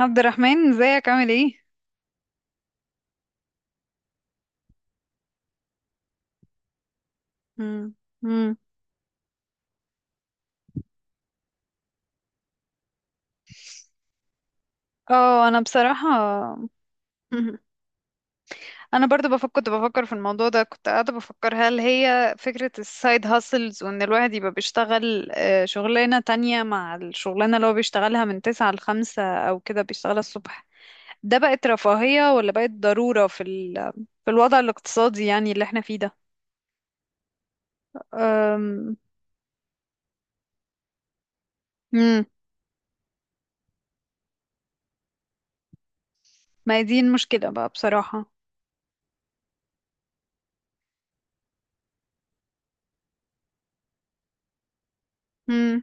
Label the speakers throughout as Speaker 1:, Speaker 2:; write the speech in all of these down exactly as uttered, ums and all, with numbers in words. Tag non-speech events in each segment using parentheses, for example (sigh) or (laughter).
Speaker 1: عبد الرحمن ازيك عامل ايه؟ مم. مم. اه، انا بصراحة مهم. انا برضو بفكر كنت بفكر في الموضوع ده، كنت قاعدة بفكر هل هي فكرة السايد هاسلز وان الواحد يبقى بيشتغل آه، شغلانة تانية مع الشغلانة اللي هو بيشتغلها من تسعة لخمسة، او كده بيشتغلها الصبح. ده بقت رفاهية ولا بقت ضرورة في ال... في الوضع الاقتصادي يعني اللي احنا فيه ده. أم، مم. ما هي دي المشكلة بقى بصراحة. مم.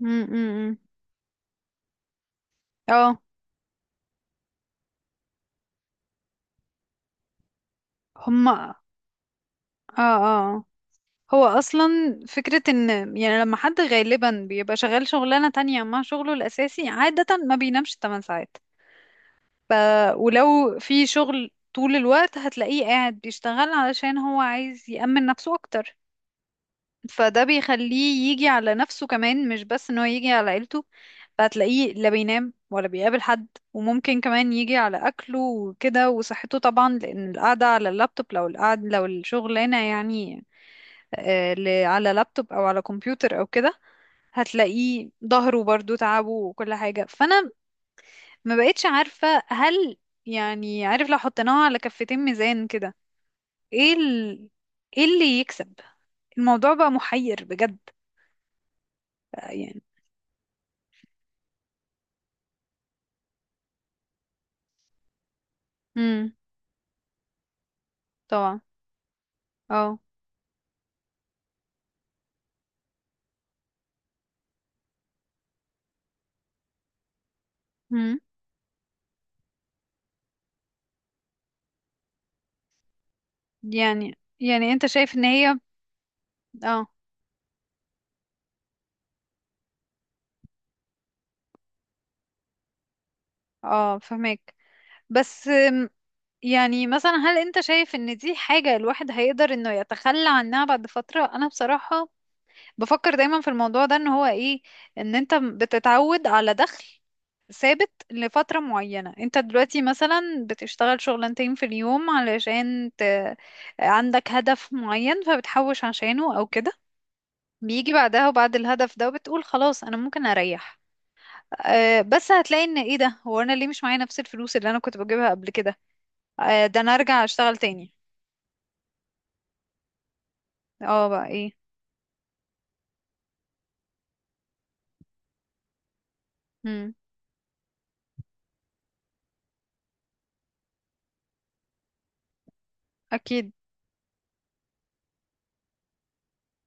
Speaker 1: مم. مم. مم. اه. هما. اه، اه. اه. هو اصلا فكرة ان، يعني لما حد غالبا بيبقى شغال شغلانة تانية مع شغله الاساسي عادة ما بينامش 8 ساعات. ف ولو في شغل طول الوقت هتلاقيه قاعد بيشتغل علشان هو عايز يأمن نفسه اكتر، فده بيخليه يجي على نفسه كمان مش بس ان هو يجي على عيلته. فهتلاقيه لا بينام ولا بيقابل حد، وممكن كمان يجي على أكله وكده وصحته طبعا، لأن القعدة على اللابتوب لو القعدة لو الشغلانة يعني آه، ل- على لابتوب او على كمبيوتر او كده، هتلاقيه ظهره برضو تعبه وكل حاجة. فانا ما بقتش عارفة، هل يعني عارف لو حطيناها على كفتين ميزان كده ايه ال... ايه اللي يكسب؟ الموضوع بقى محير بجد بقى يعني. امم. طبعا. اه. امم. يعني يعني انت شايف ان هي. اه. اه، فهمك. بس أم، يعني مثلا هل انت شايف ان دي حاجة الواحد هيقدر انه يتخلى عنها بعد فترة؟ انا بصراحة بفكر دايما في الموضوع ده، ان هو ايه، ان انت بتتعود على دخل ثابت لفترة معينة. انت دلوقتي مثلا بتشتغل شغلانتين في اليوم علشان ت... عندك هدف معين فبتحوش عشانه او كده، بيجي بعدها وبعد الهدف ده وبتقول خلاص انا ممكن اريح. أه، بس هتلاقي ان ايه، ده هو انا ليه مش معايا نفس الفلوس اللي انا كنت بجيبها قبل كده؟ أه، ده انا ارجع اشتغل تاني. اه بقى ايه. مم. اكيد.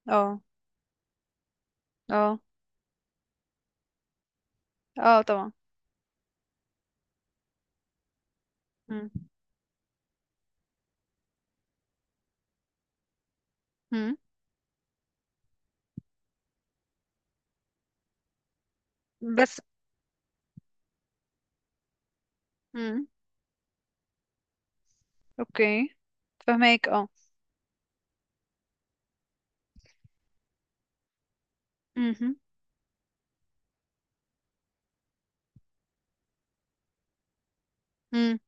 Speaker 1: اه. اه. اه طبعا. مم. مم. بس، امم، اوكي، فهماك، اه. امم. امم.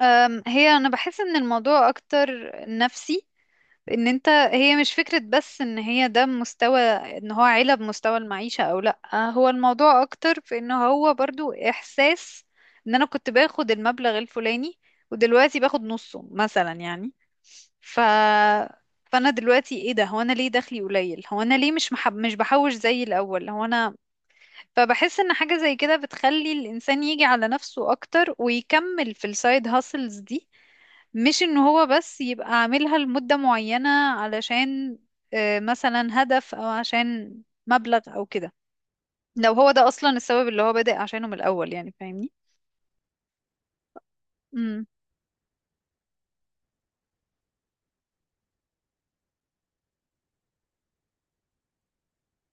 Speaker 1: أم، هي انا بحس ان الموضوع اكتر نفسي، ان انت، هي مش فكرة بس ان هي ده مستوى، ان هو عيلة بمستوى المعيشة او لا، هو الموضوع اكتر في ان هو برضو احساس ان انا كنت باخد المبلغ الفلاني ودلوقتي باخد نصه مثلا يعني. ف فانا دلوقتي ايه، ده هو انا ليه دخلي قليل، هو انا ليه مش محب... مش بحوش زي الاول هو انا. فبحس ان حاجة زي كده بتخلي الانسان يجي على نفسه اكتر ويكمل في السايد هاسلز دي، مش ان هو بس يبقى عاملها لمدة معينة علشان آه، مثلا هدف او عشان مبلغ او كده، لو هو ده اصلا السبب اللي هو بادئ عشانه من الاول يعني، فاهمني. امم.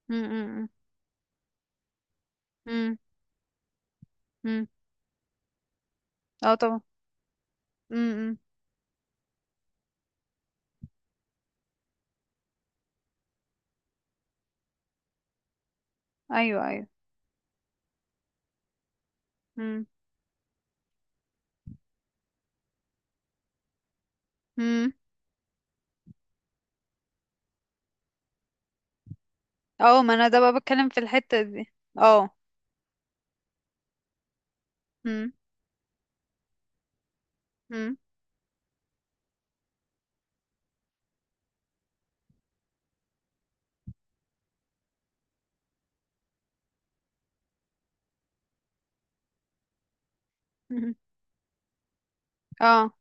Speaker 1: امم. امم. امم. اه طبعا. امم. ايوه، ايوه. امم. امم. اه، ما انا ده بقى بتكلم في الحتة دي. اه. امم. امم. اه.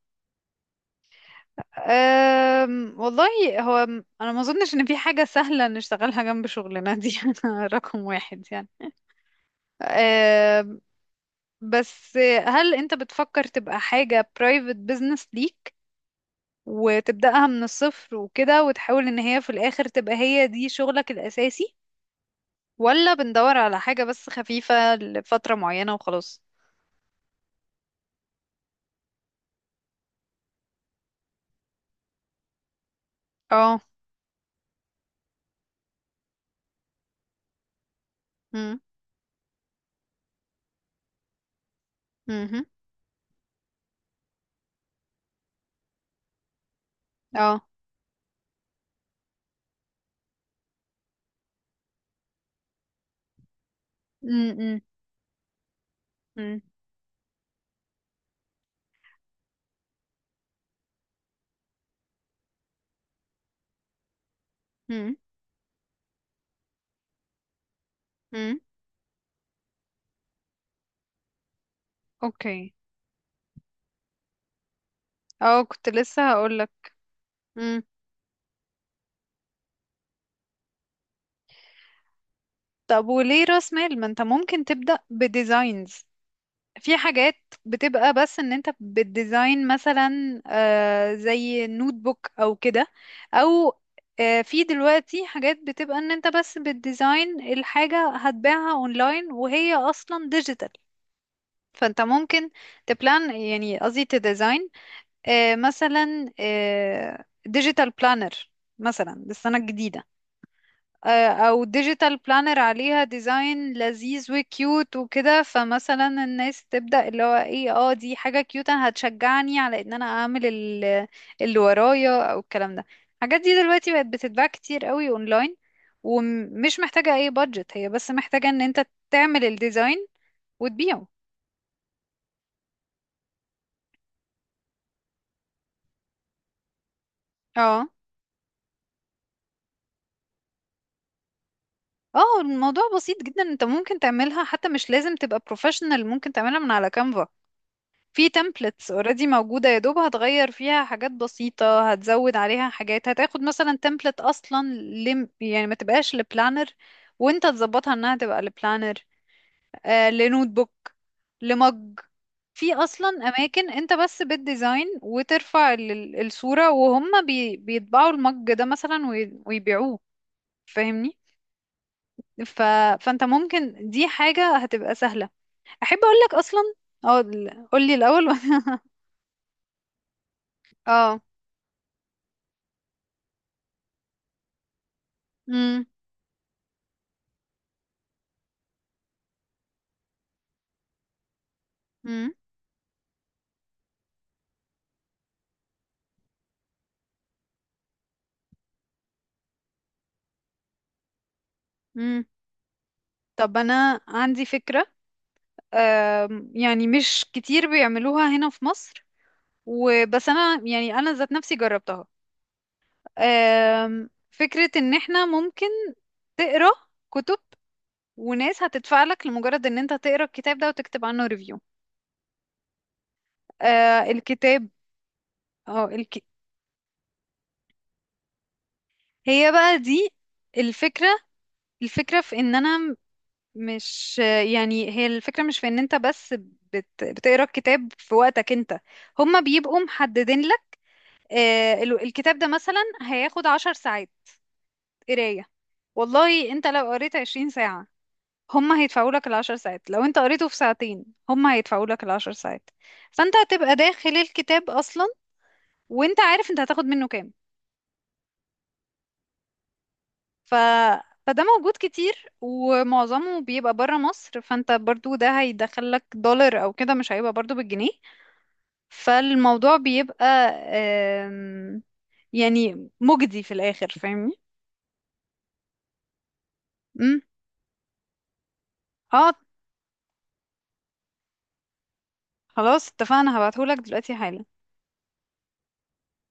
Speaker 1: أم والله هو م- انا ما اظنش ان في حاجه سهله نشتغلها جنب شغلنا دي (laughs) رقم واحد يعني. أم بس، هل انت بتفكر تبقى حاجه private business ليك، وتبداها من الصفر وكده وتحاول ان هي في الاخر تبقى هي دي شغلك الاساسي؟ ولا بندور على حاجه بس خفيفه لفتره معينه وخلاص؟ اه. امم. امم. اه. امم. امم. امم. اوكي. اه كنت لسه هقولك. طب وليه راس مال؟ ما انت ممكن تبدأ بديزاينز في حاجات بتبقى بس ان انت بتديزاين، مثلا آه زي نوت بوك او كده، او آه في دلوقتي حاجات بتبقى ان انت بس بتديزاين الحاجة، هتباعها اونلاين وهي اصلا ديجيتال. فانت ممكن تبلان، يعني قصدي تديزاين، آه مثلا آه ديجيتال بلانر مثلا للسنة الجديدة، آه، او ديجيتال بلانر عليها ديزاين لذيذ وكيوت وكده. فمثلا الناس تبدأ اللي هو ايه، اه دي حاجة كيوت انا هتشجعني على ان انا اعمل ال- اللي ورايا او الكلام ده. الحاجات دي دلوقتي بقت بتتباع كتير قوي اونلاين ومش محتاجة اي بادجت، هي بس محتاجة ان انت تعمل الديزاين وتبيعه. اه. اه، الموضوع بسيط جدا، انت ممكن تعملها حتى مش لازم تبقى بروفيشنال، ممكن تعملها من على كانفا. في تمبلتس اوريدي موجودة، يا دوب هتغير فيها حاجات بسيطة هتزود عليها حاجات، هتاخد مثلا تمبلت اصلا لم، يعني ما تبقاش لبلانر وانت تظبطها انها تبقى لبلانر، آه لنوت بوك، لمج. في اصلا اماكن انت بس بالديزاين وترفع ال- ال- الصورة، وهم بي بيطبعوا المج ده مثلا وي- ويبيعوه. فاهمني. ف... فانت ممكن، دي حاجة هتبقى سهلة، احب اقولك اصلا. اه قولي الاول. (laughs) اه. امم. مم. طب انا عندي فكرة، آم، يعني مش كتير بيعملوها هنا في مصر، وبس انا يعني انا ذات نفسي جربتها. آم، فكرة ان احنا ممكن تقرا كتب وناس هتدفع لك لمجرد ان انت تقرا الكتاب ده وتكتب عنه ريفيو، آه الكتاب. اه الك... هي بقى دي الفكرة. الفكرة في ان انا م- مش، يعني هي الفكرة مش في ان انت بس بت... بتقرا الكتاب في وقتك انت، هما بيبقوا محددين، آه، ال- الكتاب ده مثلا هياخد عشر ساعات قراية. والله انت لو قريت عشرين ساعة، هما هيدفعوا لك العشر ساعات، لو انت قريته في ساعتين هما هيدفعوا لك العشر ساعات. فانت هتبقى داخل الكتاب اصلا وانت عارف انت هتاخد منه كام. ف... فده موجود كتير ومعظمه بيبقى برا مصر، فانت برضو ده هيدخل لك دولار او كده، مش هيبقى برضو بالجنيه. فالموضوع بيبقى آم، يعني مجدي في الاخر، فاهمني. مم. اه خلاص اتفقنا، هبعتهولك دلوقتي حالا.